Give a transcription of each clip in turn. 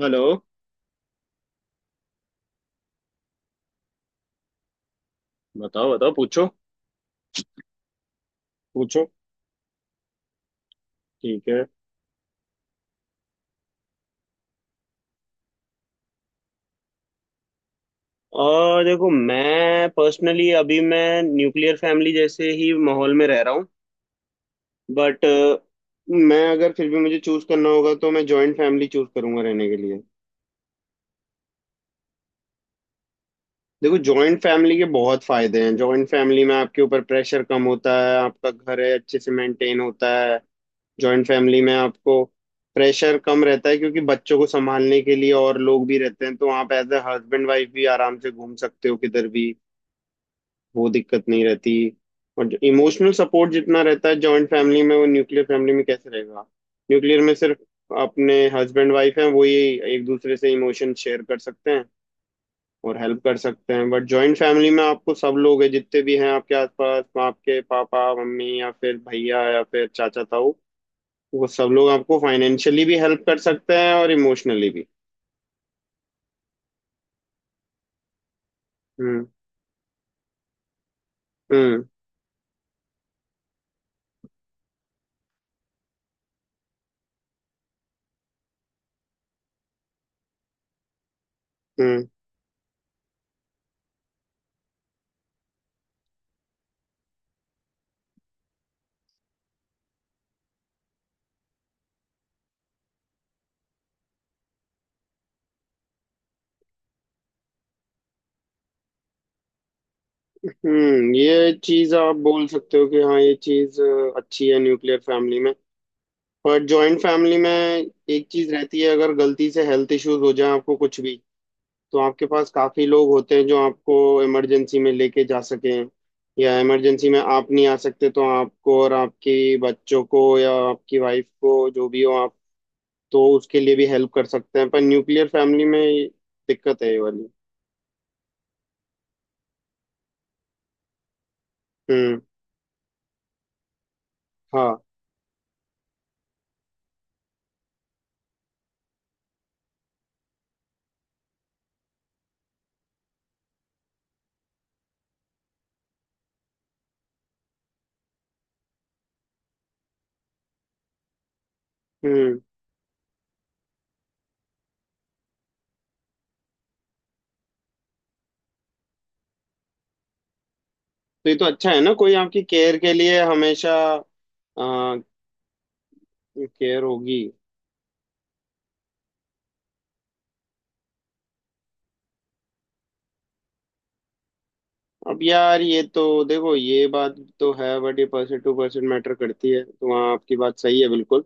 Hello. बताओ बताओ, पूछो पूछो। ठीक है। और देखो, मैं पर्सनली अभी मैं न्यूक्लियर फैमिली जैसे ही माहौल में रह रहा हूँ। बट मैं अगर फिर भी मुझे चूज करना होगा तो मैं जॉइंट फैमिली चूज करूंगा रहने के लिए। देखो, जॉइंट फैमिली के बहुत फायदे हैं। जॉइंट फैमिली में आपके ऊपर प्रेशर कम होता है, आपका घर है अच्छे से मेंटेन होता है। जॉइंट फैमिली में आपको प्रेशर कम रहता है, क्योंकि बच्चों को संभालने के लिए और लोग भी रहते हैं, तो आप एज ए हस्बैंड वाइफ भी आराम से घूम सकते हो किधर भी। वो दिक्कत नहीं रहती। और इमोशनल सपोर्ट जितना रहता है जॉइंट फैमिली में, वो न्यूक्लियर फैमिली में कैसे रहेगा। न्यूक्लियर में सिर्फ अपने हस्बैंड वाइफ हैं, वही एक दूसरे से इमोशन शेयर कर सकते हैं और हेल्प कर सकते हैं। बट जॉइंट फैमिली में आपको सब लोग हैं जितने भी हैं आपके आसपास, आपके पापा मम्मी या फिर भैया या फिर चाचा ताऊ, वो सब लोग आपको फाइनेंशियली भी हेल्प कर सकते हैं और इमोशनली भी। हम्म। हम्म। हम्म। हम्म, ये चीज आप बोल सकते हो कि हाँ, ये चीज अच्छी है न्यूक्लियर फैमिली में। पर जॉइंट फैमिली में एक चीज रहती है, अगर गलती से हेल्थ इश्यूज हो जाए आपको कुछ भी, तो आपके पास काफी लोग होते हैं जो आपको इमरजेंसी में लेके जा सकें। या इमरजेंसी में आप नहीं आ सकते तो आपको और आपके बच्चों को या आपकी वाइफ को जो भी हो आप, तो उसके लिए भी हेल्प कर सकते हैं। पर न्यूक्लियर फैमिली में ये दिक्कत है ये वाली। हम्म। हाँ। हम्म, तो ये तो अच्छा है ना, कोई आपकी केयर के लिए हमेशा। केयर होगी। अब यार ये तो देखो, ये बात तो है, बट ये परसेंट टू परसेंट मैटर करती है, तो वहाँ आपकी बात सही है बिल्कुल।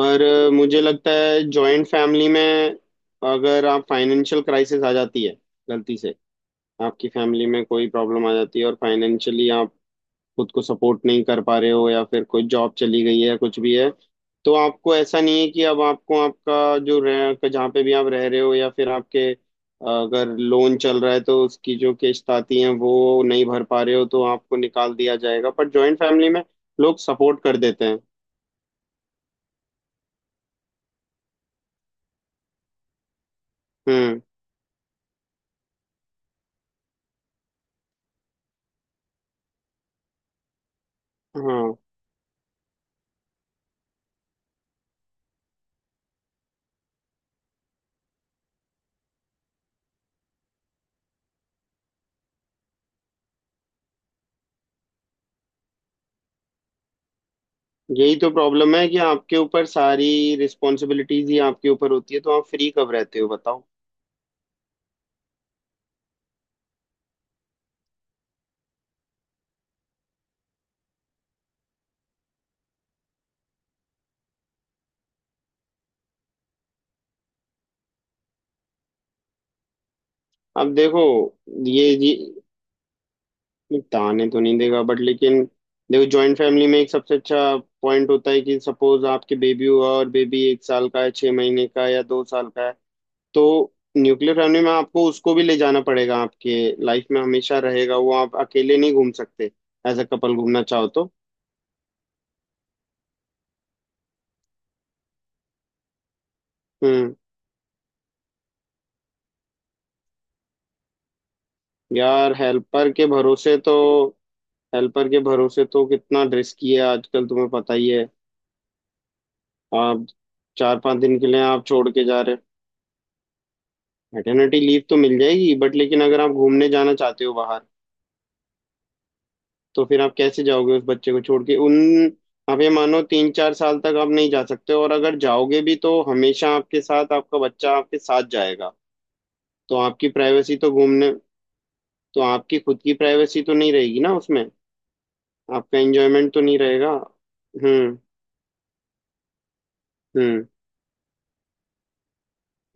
पर मुझे लगता है जॉइंट फैमिली में, अगर आप फाइनेंशियल क्राइसिस आ जाती है गलती से, आपकी फैमिली में कोई प्रॉब्लम आ जाती है और फाइनेंशियली आप खुद को सपोर्ट नहीं कर पा रहे हो, या फिर कोई जॉब चली गई है या कुछ भी है, तो आपको ऐसा नहीं है कि अब आपको आपका जो रह जहाँ पे भी आप रह रहे हो, या फिर आपके अगर लोन चल रहा है तो उसकी जो किस्त आती है वो नहीं भर पा रहे हो, तो आपको निकाल दिया जाएगा। पर जॉइंट फैमिली में लोग सपोर्ट कर देते हैं। हम्म। हाँ। यही तो प्रॉब्लम है कि आपके ऊपर सारी रिस्पॉन्सिबिलिटीज ही आपके ऊपर होती है, तो आप फ्री कब रहते हो बताओ। अब देखो, ये जी, नहीं ताने तो नहीं देगा बट लेकिन, देखो जॉइंट फैमिली में एक सबसे अच्छा पॉइंट होता है कि सपोज आपके बेबी हुआ, और बेबी 1 साल का है, 6 महीने का है या 2 साल का है, तो न्यूक्लियर फैमिली में आपको उसको भी ले जाना पड़ेगा। आपके लाइफ में हमेशा रहेगा वो, आप अकेले नहीं घूम सकते एज अ कपल घूमना चाहो तो। हम्म। यार हेल्पर के भरोसे तो, हेल्पर के भरोसे तो कितना रिस्की है आजकल तुम्हें पता ही है। आप 4-5 दिन के लिए आप छोड़ के जा रहे हो। मैटरनिटी लीव तो मिल जाएगी, बट लेकिन अगर आप घूमने जाना चाहते हो बाहर, तो फिर आप कैसे जाओगे उस बच्चे को छोड़ के उन। आप ये मानो 3-4 साल तक आप नहीं जा सकते, और अगर जाओगे भी तो हमेशा आपके साथ आपका बच्चा आपके साथ जाएगा। तो आपकी प्राइवेसी तो घूमने, तो आपकी खुद की प्राइवेसी तो नहीं रहेगी ना उसमें। आपका एंजॉयमेंट तो नहीं रहेगा। हम्म। हम्म।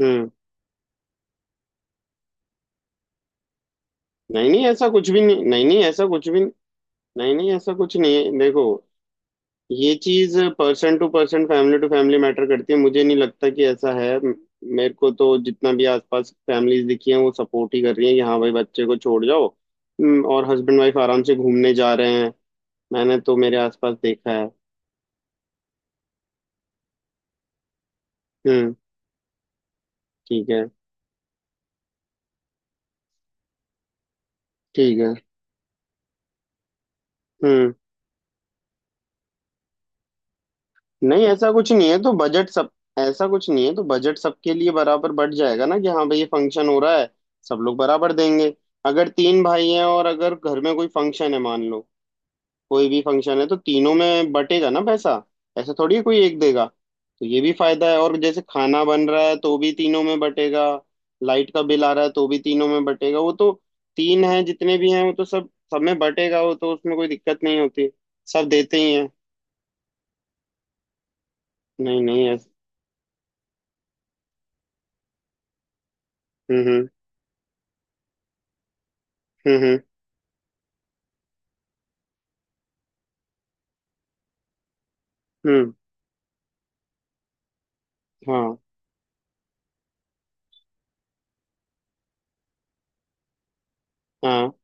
हम्म। नहीं नहीं, ऐसा कुछ भी नहीं, नहीं नहीं, ऐसा कुछ भी नहीं। नहीं नहीं, ऐसा कुछ नहीं है, देखो। ये चीज person to person, family to family matter करती है, मुझे नहीं लगता कि ऐसा है। मेरे को तो जितना भी आसपास फैमिलीज दिखी हैं, वो सपोर्ट ही कर रही हैं कि हाँ भाई, बच्चे को छोड़ जाओ। और हस्बैंड वाइफ आराम से घूमने जा रहे हैं। मैंने तो मेरे आसपास देखा है। हम्म। ठीक है। ठीक है। हम्म। नहीं ऐसा कुछ नहीं है तो बजट सब, ऐसा कुछ नहीं है तो बजट सबके लिए बराबर बढ़ जाएगा ना, कि हाँ भाई ये फंक्शन हो रहा है, सब लोग बराबर देंगे। अगर तीन भाई हैं और अगर घर में कोई फंक्शन है मान लो, कोई भी फंक्शन है, तो तीनों में बटेगा ना पैसा। ऐसा थोड़ी है कोई एक देगा। तो ये भी फायदा है। और जैसे खाना बन रहा है तो भी तीनों में बटेगा, लाइट का बिल आ रहा है तो भी तीनों में बटेगा। वो तो तीन है जितने भी हैं वो तो सब, सब में बटेगा। वो तो उसमें कोई दिक्कत नहीं होती, सब देते ही हैं। नहीं नहीं हम्म। हम्म। हम्म। हम्म। हम्म। हाँ हाँ।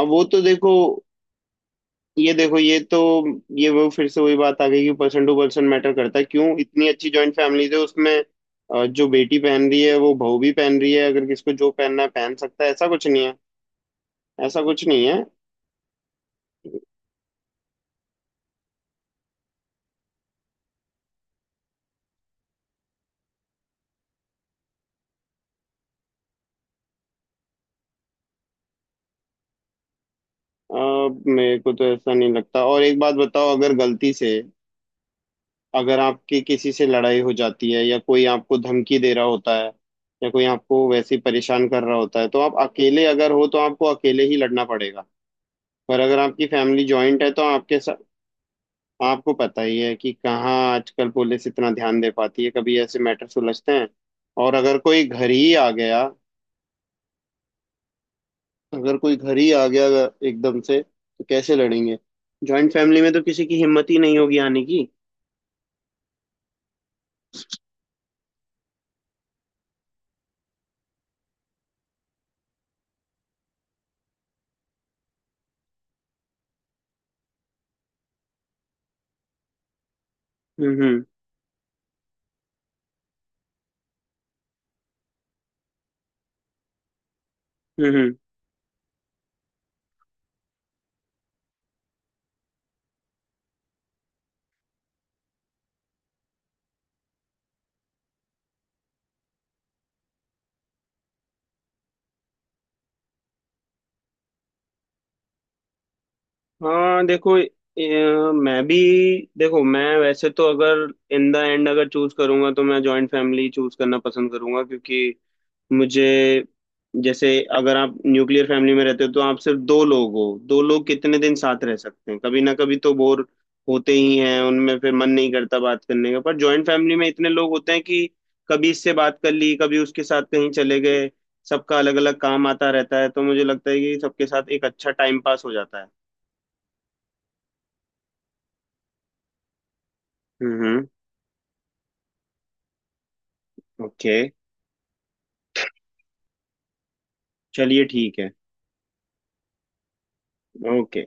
अब वो तो देखो, ये देखो, ये तो ये वो फिर से वही बात आ गई कि पर्सन टू पर्सन मैटर करता है। क्यों इतनी अच्छी जॉइंट फैमिलीज है उसमें। जो बेटी पहन रही है वो बहू भी पहन रही है। अगर किसको जो पहनना है पहन सकता है, ऐसा कुछ नहीं है। ऐसा कुछ नहीं है। अ, मेरे को तो ऐसा नहीं लगता। और एक बात बताओ, अगर गलती से अगर आपकी किसी से लड़ाई हो जाती है, या कोई आपको धमकी दे रहा होता है, या कोई आपको वैसे ही परेशान कर रहा होता है, तो आप अकेले अगर हो तो आपको अकेले ही लड़ना पड़ेगा। पर अगर आपकी फैमिली जॉइंट है तो आपके आपको पता ही है कि कहाँ आजकल पुलिस इतना ध्यान दे पाती है, कभी ऐसे मैटर सुलझते हैं। और अगर कोई घर ही आ गया, अगर कोई घर ही आ गया एकदम से, तो कैसे लड़ेंगे। जॉइंट फैमिली में तो किसी की हिम्मत ही नहीं होगी आने की। हम्म। हम्म। हम्म। हाँ देखो, मैं भी, देखो मैं वैसे तो अगर इन द एंड अगर चूज करूंगा तो मैं जॉइंट फैमिली चूज करना पसंद करूंगा, क्योंकि मुझे जैसे, अगर आप न्यूक्लियर फैमिली में रहते हो तो आप सिर्फ दो लोग हो। दो लोग कितने दिन साथ रह सकते हैं, कभी ना कभी तो बोर होते ही हैं उनमें, फिर मन नहीं करता बात करने का। पर जॉइंट फैमिली में इतने लोग होते हैं कि कभी इससे बात कर ली, कभी उसके साथ कहीं चले गए, सबका अलग अलग काम आता रहता है, तो मुझे लगता है कि सबके साथ एक अच्छा टाइम पास हो जाता है। हम्म। ओके। चलिए ठीक है। ओके।